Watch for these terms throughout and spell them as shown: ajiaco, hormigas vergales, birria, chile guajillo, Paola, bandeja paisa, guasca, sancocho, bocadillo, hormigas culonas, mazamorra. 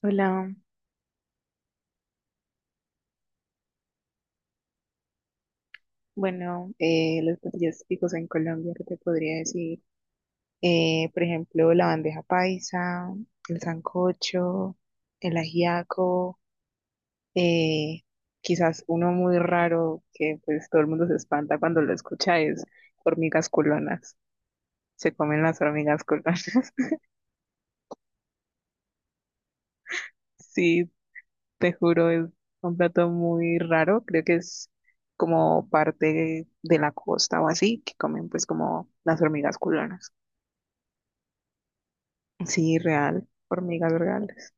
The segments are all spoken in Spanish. Hola, bueno, los platillos típicos en Colombia, ¿qué te podría decir? Por ejemplo, la bandeja paisa, el sancocho, el ajiaco, eh, quizás uno muy raro que pues todo el mundo se espanta cuando lo escucha es hormigas culonas. Se comen las hormigas culonas. Sí, te juro, es un plato muy raro. Creo que es como parte de la costa o así, que comen pues como las hormigas culonas. Sí, real, hormigas vergales.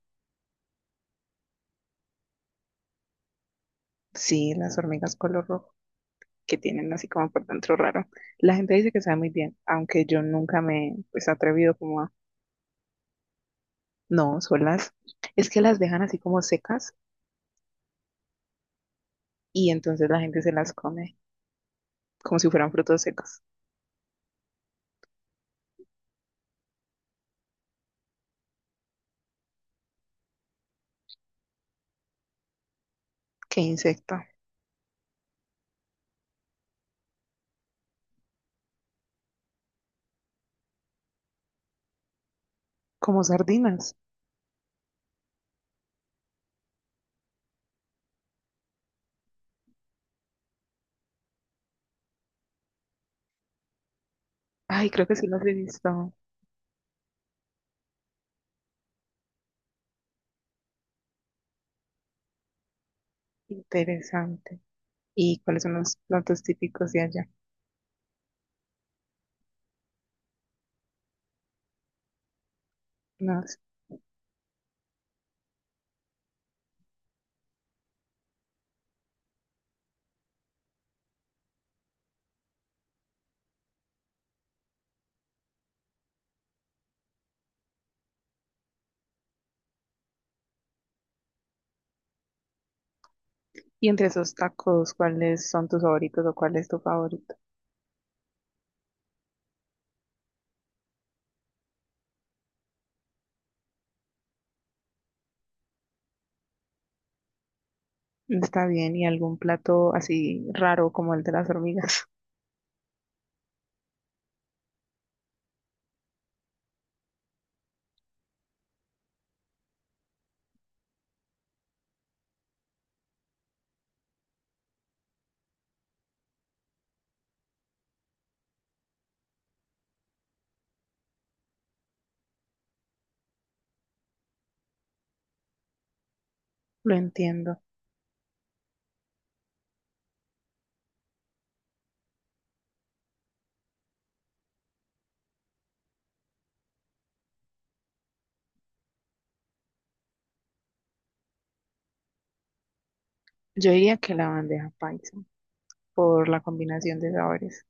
Sí, las hormigas color rojo que tienen así como por dentro raro. La gente dice que sabe muy bien, aunque yo nunca me pues he atrevido como a... No, son las... Es que las dejan así como secas y entonces la gente se las come como si fueran frutos secos. Qué insecto. Como sardinas. Ay, creo que sí las he visto. Interesante. ¿Y cuáles son los platos típicos de allá? No sé. Y entre esos tacos, ¿cuáles son tus favoritos o cuál es tu favorito? Está bien, y algún plato así raro como el de las hormigas. Lo entiendo. Yo diría que la bandeja paisa, por la combinación de sabores.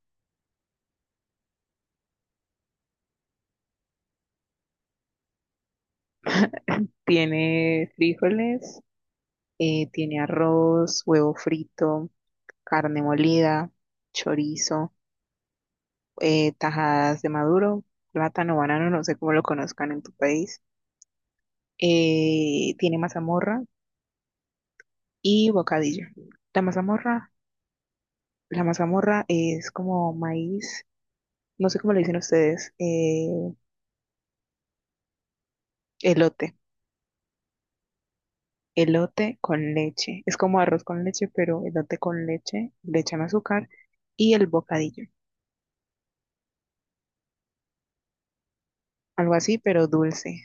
Tiene frijoles, tiene arroz, huevo frito, carne molida, chorizo, tajadas de maduro, plátano, banano, no sé cómo lo conozcan en tu país. Tiene mazamorra y bocadillo. La mazamorra, la mazamorra es como maíz, no sé cómo le dicen ustedes, elote, elote con leche. Es como arroz con leche, pero elote con leche, le echan azúcar y el bocadillo. Algo así, pero dulce.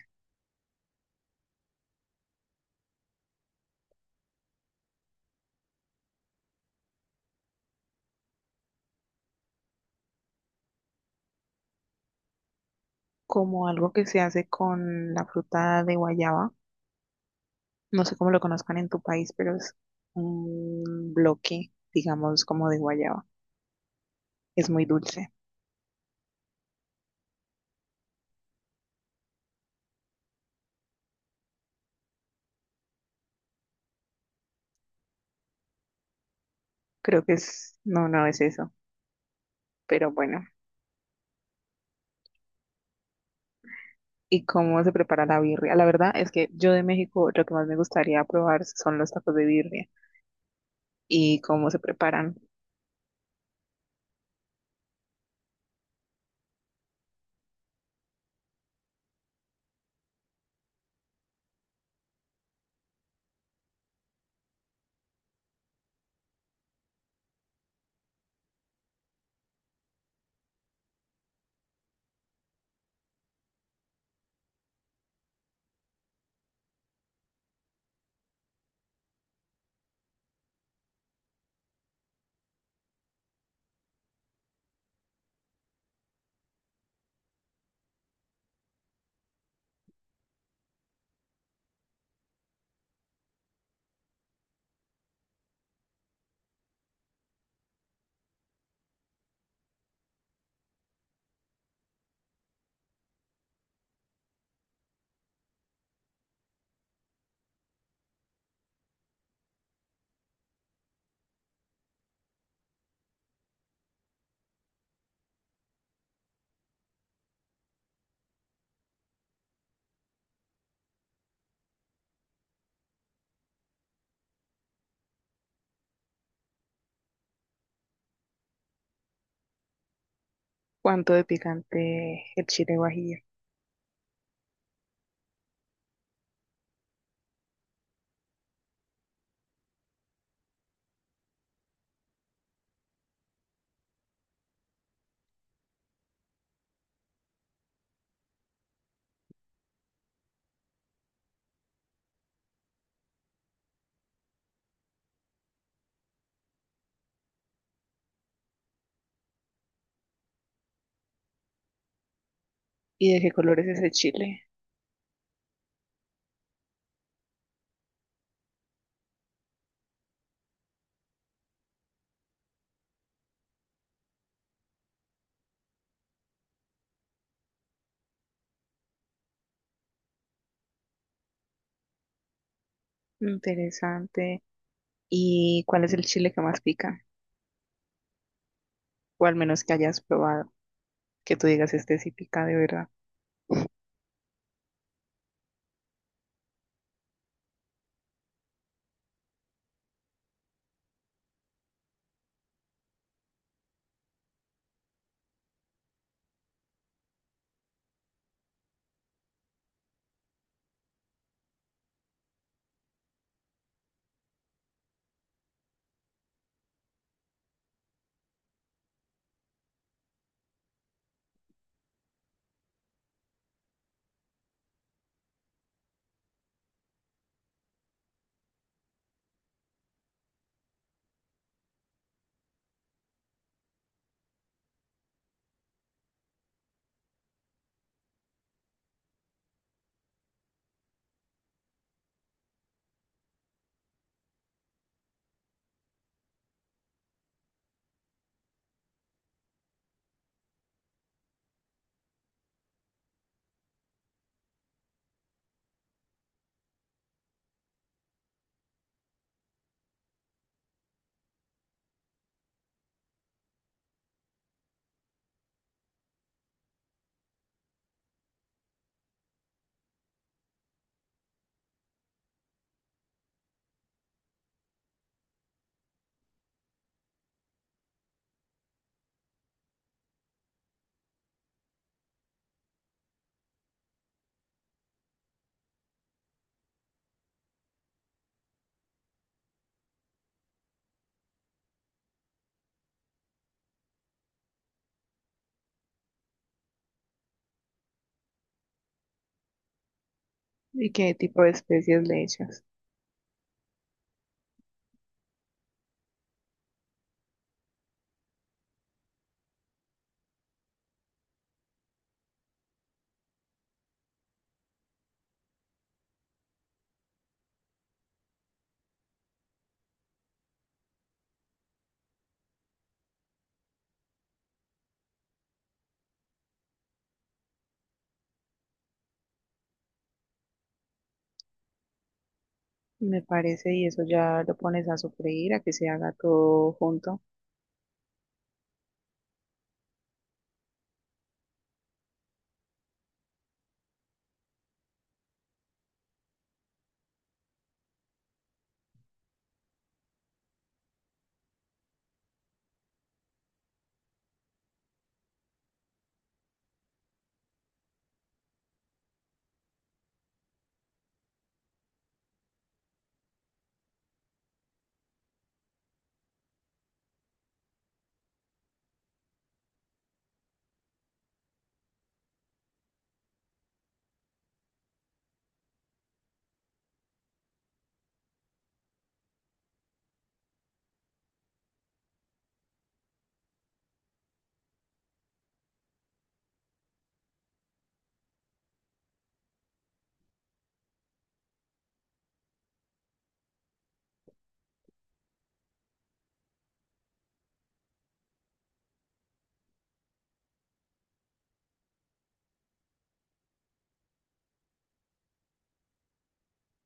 Como algo que se hace con la fruta de guayaba. No sé cómo lo conozcan en tu país, pero es un bloque, digamos, como de guayaba. Es muy dulce. Creo que es, no, no es eso, pero bueno. ¿Y cómo se prepara la birria? La verdad es que yo de México lo que más me gustaría probar son los tacos de birria y cómo se preparan. ¿Cuánto de picante el chile guajillo? ¿Y de qué color es ese chile? Interesante. ¿Y cuál es el chile que más pica? O al menos que hayas probado, que tú digas este sí pica de verdad. ¿Y qué tipo de especias le echas? Me parece, y eso ya lo pones a sofreír, a que se haga todo junto.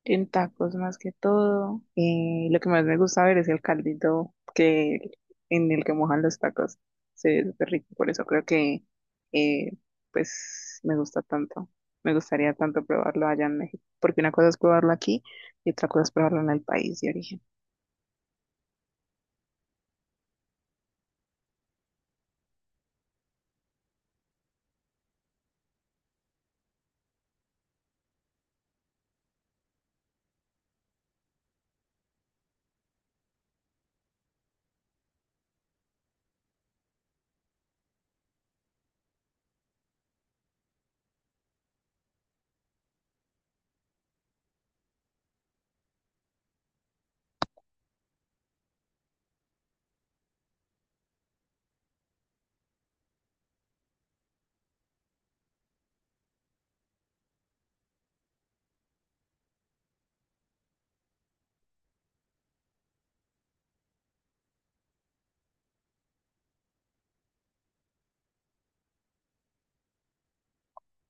En tacos más que todo. Lo que más me gusta ver es el caldito que en el que mojan los tacos. Se ve súper rico, por eso creo que eh, pues me gusta tanto. Me gustaría tanto probarlo allá en México, porque una cosa es probarlo aquí y otra cosa es probarlo en el país de origen.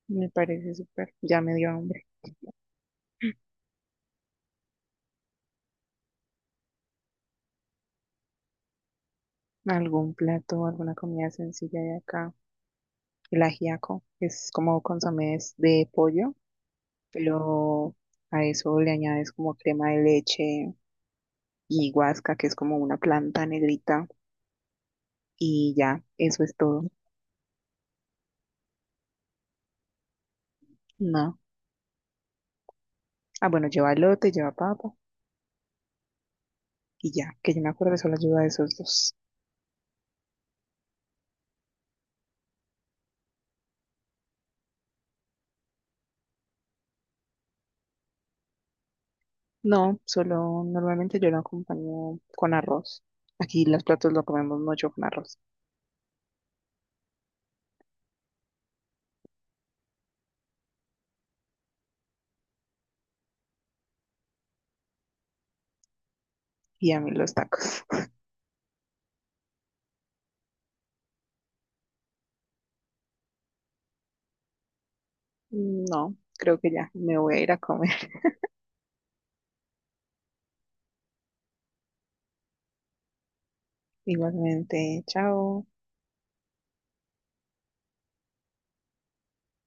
Me parece súper, ya me dio hambre. Algún plato, alguna comida sencilla de acá. El ajiaco es como consomés de pollo, pero a eso le añades como crema de leche y guasca, que es como una planta negrita, y ya, eso es todo. No. Ah, bueno, lleva elote, lleva papa, y ya, que yo me acuerdo solo lleva esos dos. No, solo normalmente yo lo acompaño con arroz. Aquí los platos lo comemos mucho con arroz. Y a mí los tacos. No, creo que ya, me voy a ir a comer. Igualmente, chao.